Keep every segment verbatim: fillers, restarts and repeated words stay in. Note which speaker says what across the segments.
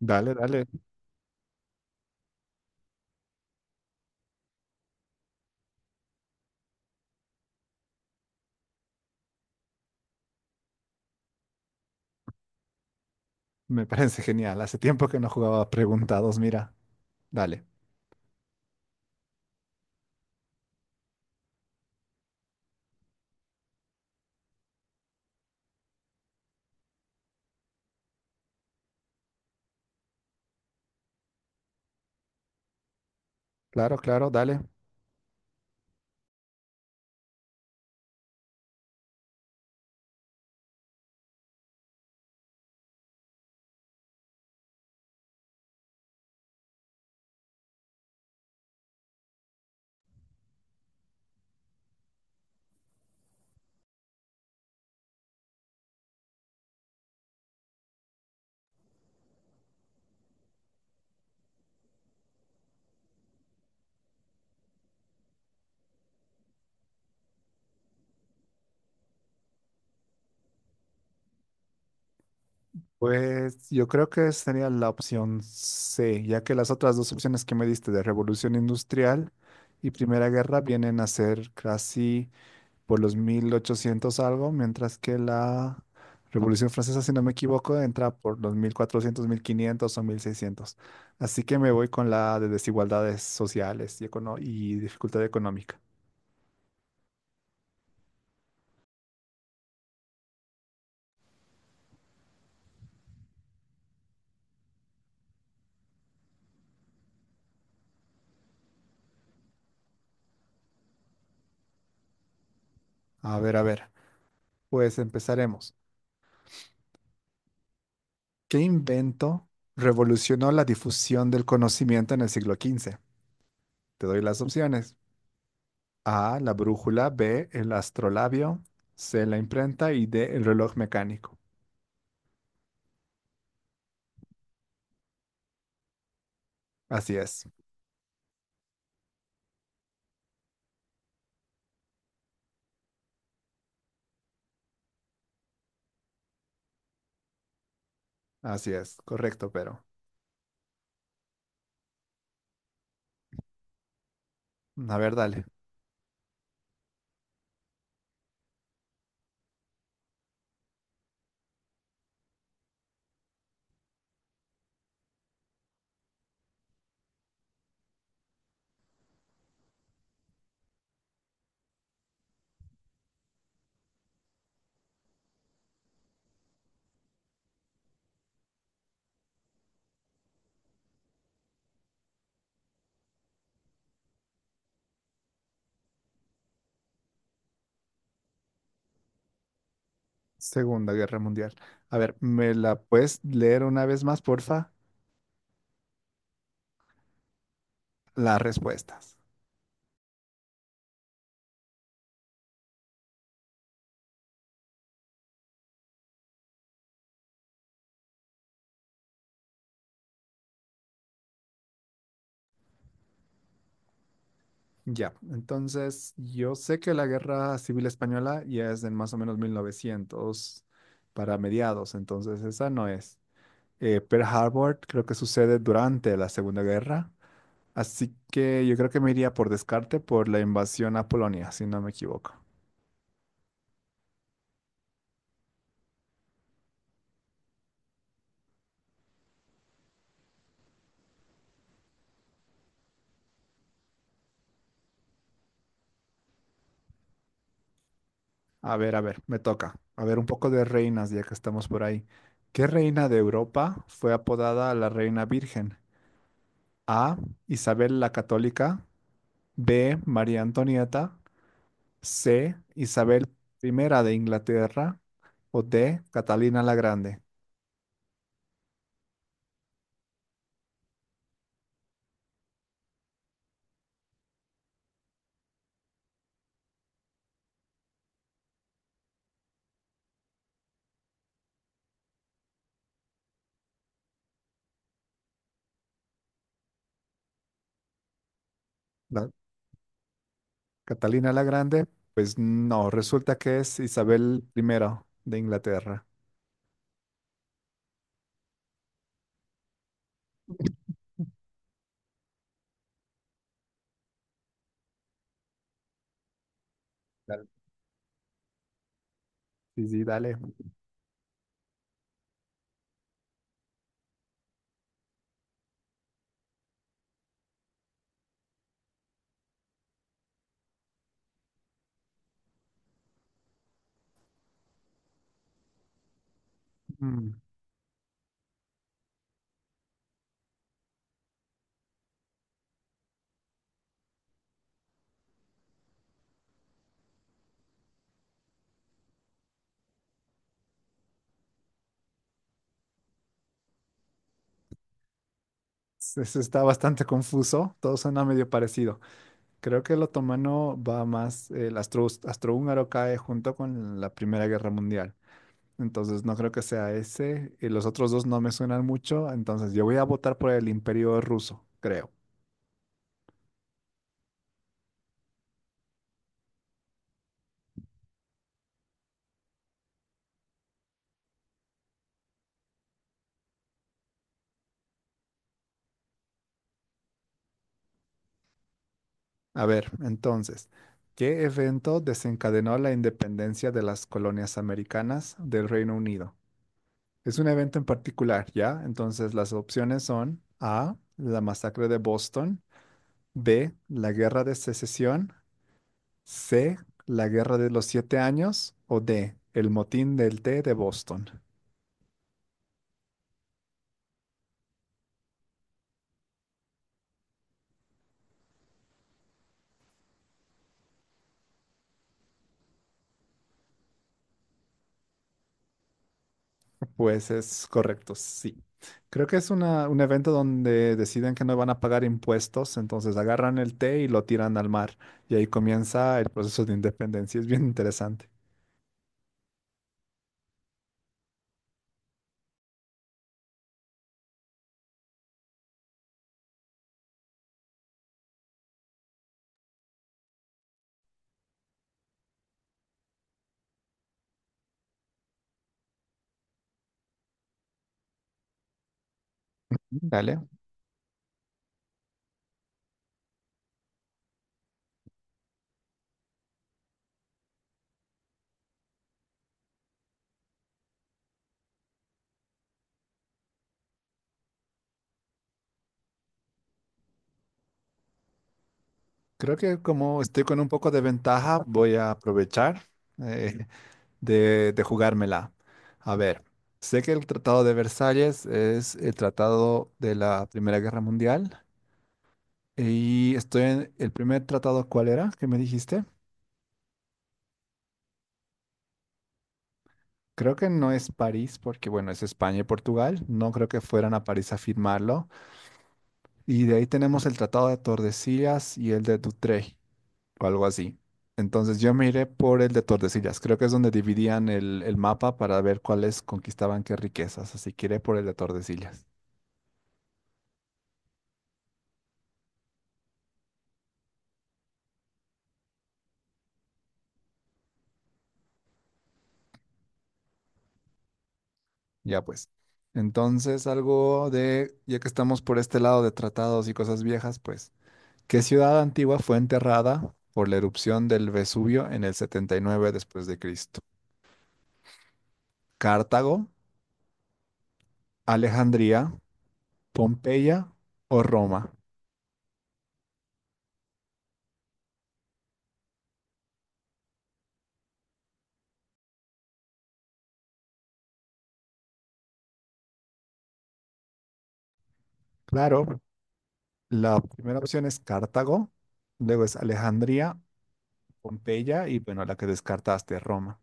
Speaker 1: Dale, dale. Me parece genial. Hace tiempo que no jugaba preguntados, mira. Dale. Claro, claro, dale. Pues yo creo que sería la opción C, ya que las otras dos opciones que me diste de Revolución Industrial y Primera Guerra vienen a ser casi por los mil ochocientos algo, mientras que la Revolución Francesa, si no me equivoco, entra por los mil cuatrocientos, mil quinientos o mil seiscientos. Así que me voy con la de desigualdades sociales y, econo- y dificultad económica. A ver, a ver. Pues empezaremos. ¿Qué invento revolucionó la difusión del conocimiento en el siglo quince? Te doy las opciones. A, la brújula, B, el astrolabio, C, la imprenta y D, el reloj mecánico. Así es, así es, correcto, pero. A ver, dale. Segunda Guerra Mundial. A ver, ¿me la puedes leer una vez más, porfa? Las respuestas. Ya, entonces yo sé que la guerra civil española ya es en más o menos mil novecientos para mediados, entonces esa no es. Eh, Pearl Harbor creo que sucede durante la Segunda Guerra, así que yo creo que me iría por descarte por la invasión a Polonia, si no me equivoco. A ver, a ver, me toca. A ver, un poco de reinas ya que estamos por ahí. ¿Qué reina de Europa fue apodada la Reina Virgen? A. Isabel la Católica. B. María Antonieta. C, Isabel I de Inglaterra o D, Catalina la Grande. La- Catalina la Grande, pues no, resulta que es Isabel I de Inglaterra. Dale. Sí, sí, dale. Mm, es- es- Está bastante confuso, todo suena medio parecido. Creo que el otomano va más, el astro, astrohúngaro cae junto con la Primera Guerra Mundial. Entonces no creo que sea ese, y los otros dos no me suenan mucho, entonces yo voy a votar por el Imperio Ruso, creo. A ver, entonces, ¿qué evento desencadenó la independencia de las colonias americanas del Reino Unido? Es un evento en particular, ¿ya? Entonces, las opciones son A, la masacre de Boston, B, la guerra de secesión, C, la guerra de los siete años o D, el motín del té de Boston. Pues es correcto, sí. Creo que es una- un evento donde deciden que no van a pagar impuestos, entonces agarran el té y lo tiran al mar y ahí comienza el proceso de independencia. Es bien interesante. Dale. Creo que como estoy con un poco de ventaja, voy a aprovechar eh, de, de jugármela. A ver, sé que el Tratado de Versalles es el tratado de la Primera Guerra Mundial y estoy en el primer tratado, ¿cuál era? ¿Qué me dijiste? Creo que no es París, porque bueno, es España y Portugal. No creo que fueran a París a firmarlo. Y de ahí tenemos el Tratado de Tordesillas y el de Utrecht, o algo así. Entonces yo me iré por el de Tordesillas. Creo que es donde dividían el, el mapa para ver cuáles conquistaban qué riquezas. Así que iré por el de Tordesillas. Ya pues. Entonces algo de, ya que estamos por este lado de tratados y cosas viejas, pues, ¿qué ciudad antigua fue enterrada por la erupción del Vesubio en el setenta y nueve después de Cristo? Cartago, Alejandría, Pompeya o Roma. Claro, la primera opción es Cartago, luego es Alejandría, Pompeya y bueno, la que descartaste, Roma.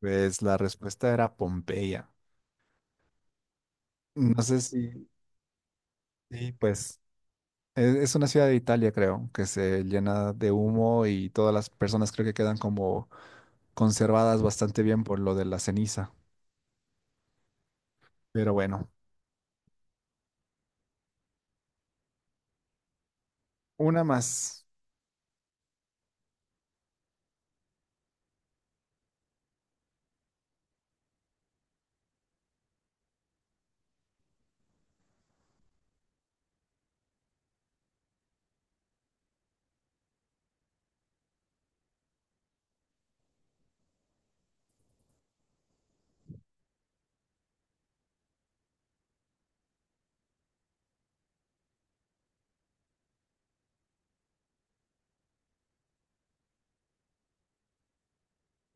Speaker 1: Pues la respuesta era Pompeya. No sé si, sí, pues e- es, una ciudad de Italia, creo, que se llena de humo y todas las personas creo que quedan como conservadas bastante bien por lo de la ceniza. Pero bueno, una más.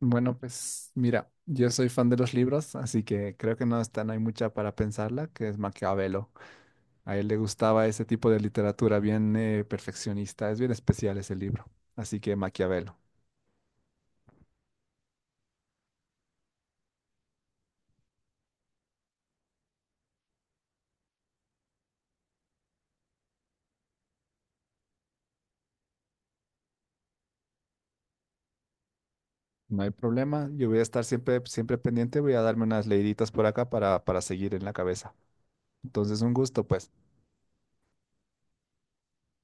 Speaker 1: Bueno, pues mira, yo soy fan de los libros, así que creo que no está, no hay mucha para pensarla, que es Maquiavelo. A él le gustaba ese tipo de literatura bien eh, perfeccionista, es bien especial ese libro, así que Maquiavelo. No hay problema, yo voy a estar siempre, siempre pendiente, voy a darme unas leiditas por acá para, para seguir en la cabeza. Entonces, un gusto, pues.